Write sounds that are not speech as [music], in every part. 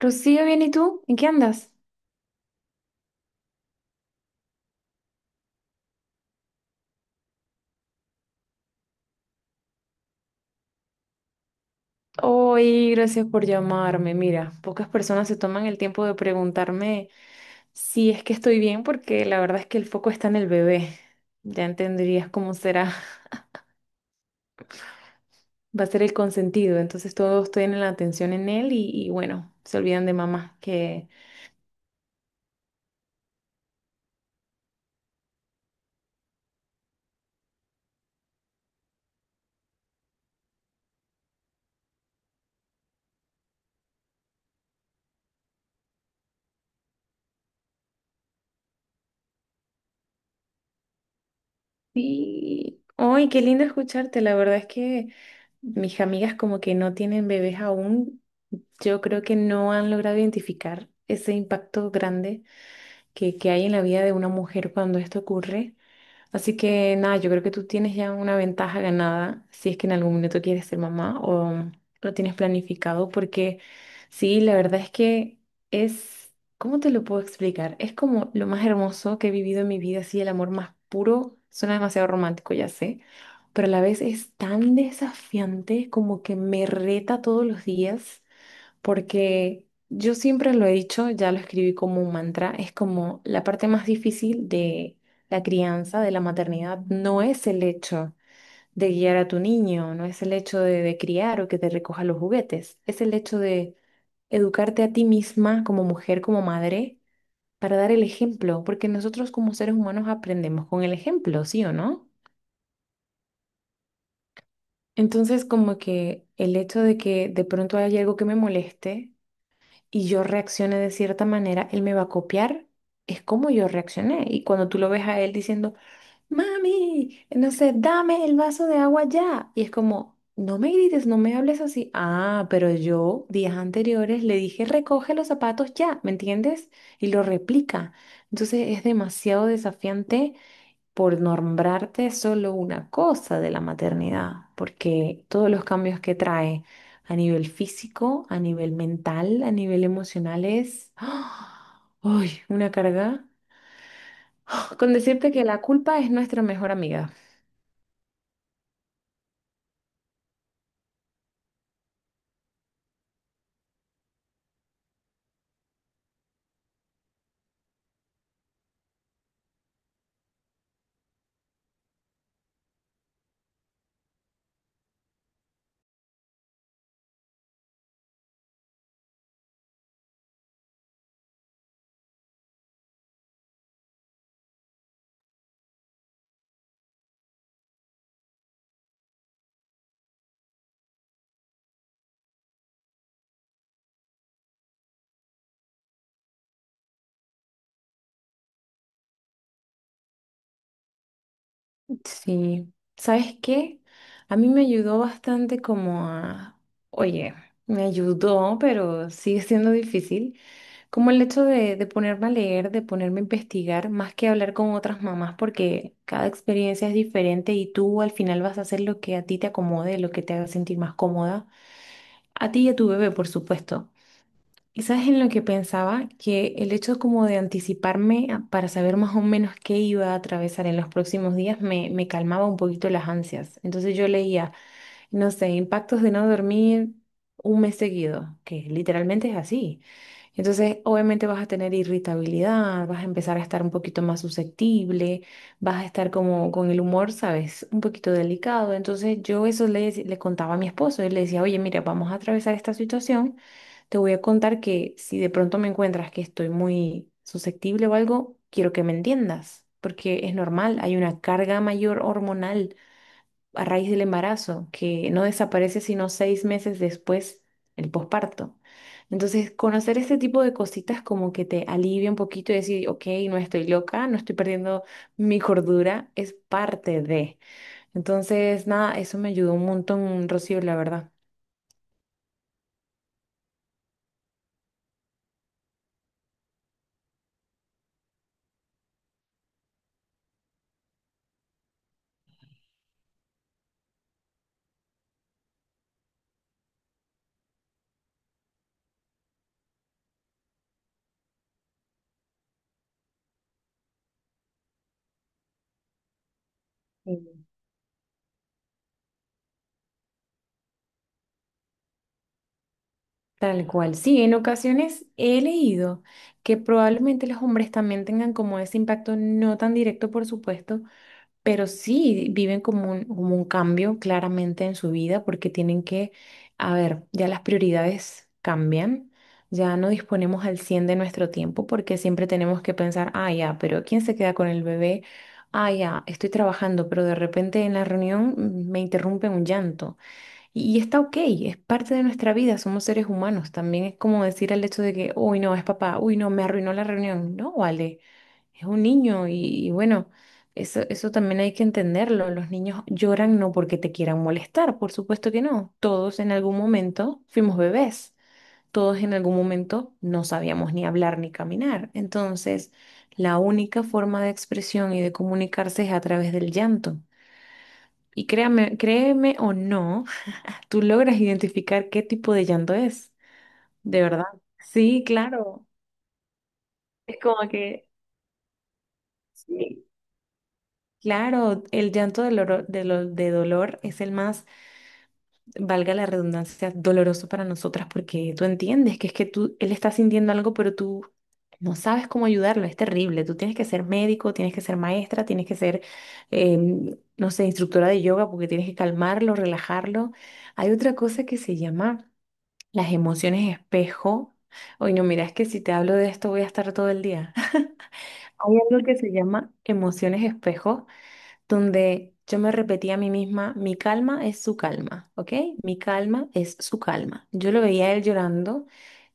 Rocío, bien, ¿y tú? ¿En qué andas? Hoy, gracias por llamarme. Mira, pocas personas se toman el tiempo de preguntarme si es que estoy bien, porque la verdad es que el foco está en el bebé. Ya entenderías cómo será, [laughs] va a ser el consentido. Entonces todos tienen la atención en él y bueno, se olvidan de mamá. Que sí. Ay, qué lindo escucharte. La verdad es que mis amigas como que no tienen bebés aún. Yo creo que no han logrado identificar ese impacto grande que hay en la vida de una mujer cuando esto ocurre. Así que nada, yo creo que tú tienes ya una ventaja ganada si es que en algún minuto quieres ser mamá o lo tienes planificado, porque sí, la verdad es que es, ¿cómo te lo puedo explicar? Es como lo más hermoso que he vivido en mi vida, así el amor más puro, suena demasiado romántico, ya sé, pero a la vez es tan desafiante como que me reta todos los días porque yo siempre lo he dicho, ya lo escribí como un mantra, es como la parte más difícil de la crianza, de la maternidad, no es el hecho de guiar a tu niño, no es el hecho de criar o que te recoja los juguetes, es el hecho de educarte a ti misma como mujer, como madre, para dar el ejemplo, porque nosotros como seres humanos aprendemos con el ejemplo, ¿sí o no? Entonces, como que el hecho de que de pronto haya algo que me moleste, y yo reaccione de cierta manera, él me va a copiar. Es como yo reaccioné. Y cuando tú lo ves a él diciendo, mami, no sé, dame el vaso de agua ya. Y es como, no me grites, no me hables así. Ah, pero yo días anteriores le dije, recoge los zapatos ya, ¿me entiendes? Y lo replica. Entonces es demasiado desafiante por nombrarte solo una cosa de la maternidad, porque todos los cambios que trae a nivel físico, a nivel mental, a nivel emocional es, [gasps] ¡ah! ¡Ay! Una carga. Con decirte que la culpa es nuestra mejor amiga. Sí, ¿sabes qué? A mí me ayudó bastante como a, oye, me ayudó, pero sigue siendo difícil. Como el hecho de ponerme a leer, de ponerme a investigar, más que hablar con otras mamás, porque cada experiencia es diferente y tú al final vas a hacer lo que a ti te acomode, lo que te haga sentir más cómoda, a ti y a tu bebé, por supuesto. Y sabes en lo que pensaba, que el hecho como de anticiparme para saber más o menos qué iba a atravesar en los próximos días me calmaba un poquito las ansias. Entonces yo leía, no sé, impactos de no dormir un mes seguido, que literalmente es así. Entonces, obviamente vas a tener irritabilidad, vas a empezar a estar un poquito más susceptible, vas a estar como con el humor, ¿sabes? Un poquito delicado. Entonces, yo eso le contaba a mi esposo. Él le decía, oye, mira, vamos a atravesar esta situación. Te voy a contar que si de pronto me encuentras que estoy muy susceptible o algo, quiero que me entiendas, porque es normal, hay una carga mayor hormonal a raíz del embarazo, que no desaparece sino 6 meses después el posparto. Entonces, conocer este tipo de cositas como que te alivia un poquito y decir, ok, no estoy loca, no estoy perdiendo mi cordura, es parte de. Entonces, nada, eso me ayudó un montón, Rocío, la verdad. Sí. Tal cual. Sí, en ocasiones he leído que probablemente los hombres también tengan como ese impacto, no tan directo, por supuesto, pero sí, viven como un cambio claramente en su vida porque tienen que, a ver, ya las prioridades cambian, ya no disponemos al 100 de nuestro tiempo porque siempre tenemos que pensar, ah, ya, pero ¿quién se queda con el bebé? Ah, ya, estoy trabajando, pero de repente en la reunión me interrumpe un llanto. Y está ok, es parte de nuestra vida, somos seres humanos. También es como decir al hecho de que, uy, no, es papá, uy, no, me arruinó la reunión. No, vale. Es un niño y bueno, eso también hay que entenderlo. Los niños lloran no porque te quieran molestar, por supuesto que no. Todos en algún momento fuimos bebés, todos en algún momento no sabíamos ni hablar ni caminar. Entonces, la única forma de expresión y de comunicarse es a través del llanto. Y créame, créeme o no, tú logras identificar qué tipo de llanto es, de verdad. Sí, claro. Es como que, sí, claro, el llanto de dolor, de dolor es el más, valga la redundancia, doloroso para nosotras porque tú entiendes que es que tú, él está sintiendo algo, pero tú no sabes cómo ayudarlo, es terrible. Tú tienes que ser médico, tienes que ser maestra, tienes que ser, no sé, instructora de yoga porque tienes que calmarlo, relajarlo. Hay otra cosa que se llama las emociones espejo. Oye, no, mira, es que si te hablo de esto voy a estar todo el día. [laughs] Hay algo que se llama emociones espejo donde yo me repetía a mí misma, mi calma es su calma, ¿ok? Mi calma es su calma. Yo lo veía a él llorando,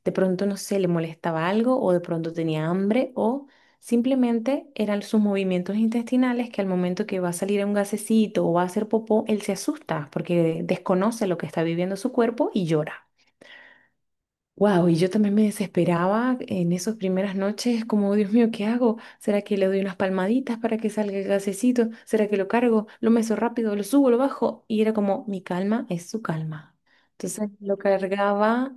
de pronto, no sé, le molestaba algo o de pronto tenía hambre o simplemente eran sus movimientos intestinales que al momento que va a salir un gasecito o va a hacer popó, él se asusta porque desconoce lo que está viviendo su cuerpo y llora. Wow, y yo también me desesperaba en esas primeras noches, como Dios mío, ¿qué hago? ¿Será que le doy unas palmaditas para que salga el gasecito? ¿Será que lo cargo? ¿Lo meso rápido? ¿Lo subo? ¿Lo bajo? Y era como, mi calma es su calma. Entonces lo cargaba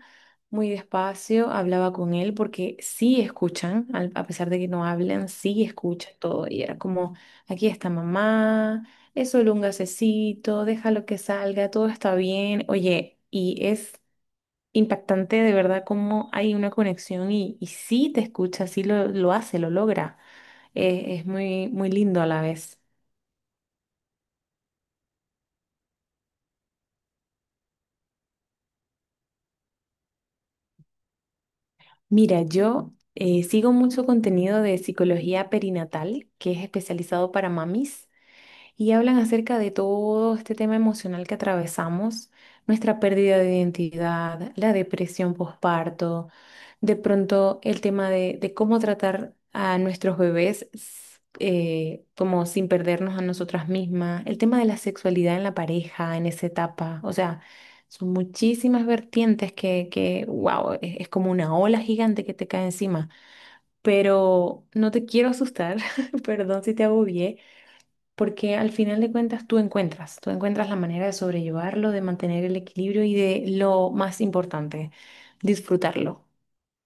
muy despacio, hablaba con él porque sí escuchan, a pesar de que no hablan, sí escuchan todo. Y era como, aquí está mamá, es solo un gasecito, déjalo que salga, todo está bien. Oye, y es impactante de verdad cómo hay una conexión y sí te escucha, sí lo hace, lo logra. Es muy, muy lindo a la vez. Mira, yo sigo mucho contenido de psicología perinatal, que es especializado para mamis. Y hablan acerca de todo este tema emocional que atravesamos, nuestra pérdida de identidad, la depresión postparto, de pronto el tema de cómo tratar a nuestros bebés como sin perdernos a nosotras mismas, el tema de la sexualidad en la pareja, en esa etapa, o sea, son muchísimas vertientes que wow, es como una ola gigante que te cae encima. Pero no te quiero asustar, [laughs] perdón si te agobié, porque al final de cuentas tú encuentras la manera de sobrellevarlo, de mantener el equilibrio y de lo más importante, disfrutarlo.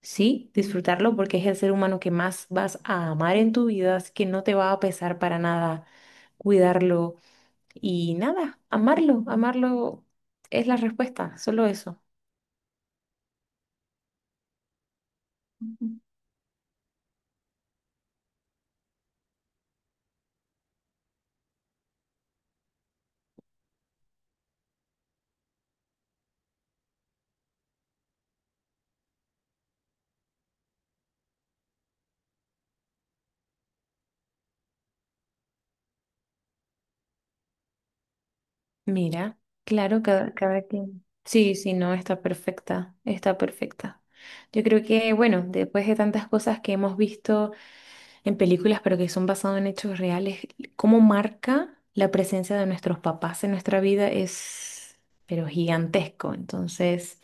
Sí, disfrutarlo porque es el ser humano que más vas a amar en tu vida, así que no te va a pesar para nada cuidarlo y nada, amarlo, amarlo es la respuesta, solo eso. Ujú. Mira, claro, cada quien. Sí, sí, no, está perfecta, está perfecta. Yo creo que, bueno, después de tantas cosas que hemos visto en películas, pero que son basados en hechos reales, cómo marca la presencia de nuestros papás en nuestra vida es, pero gigantesco. Entonces,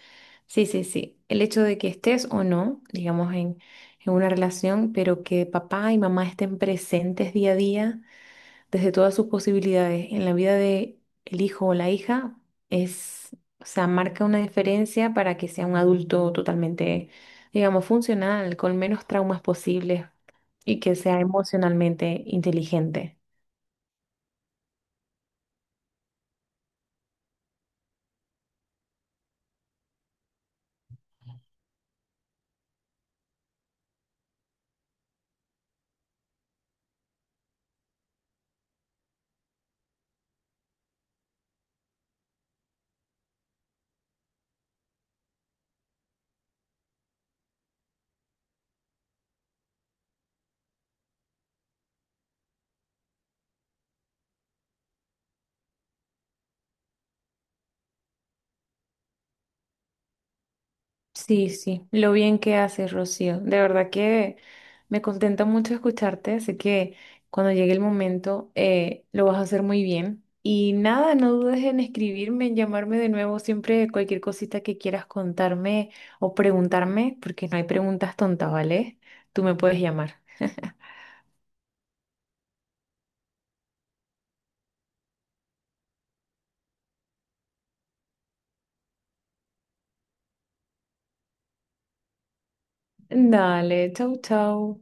sí, sí, sí. El hecho de que estés o no, digamos, en una relación, pero que papá y mamá estén presentes día a día desde todas sus posibilidades en la vida de el hijo o la hija es, o sea, marca una diferencia para que sea un adulto totalmente, digamos, funcional, con menos traumas posibles y que sea emocionalmente inteligente. Sí, sí, lo bien que haces, Rocío. De verdad que me contenta mucho escucharte. Así que cuando llegue el momento lo vas a hacer muy bien. Y nada, no dudes en escribirme, en llamarme de nuevo siempre cualquier cosita que quieras contarme o preguntarme, porque no hay preguntas tontas, ¿vale? Tú me puedes llamar. Dale, chau, chau.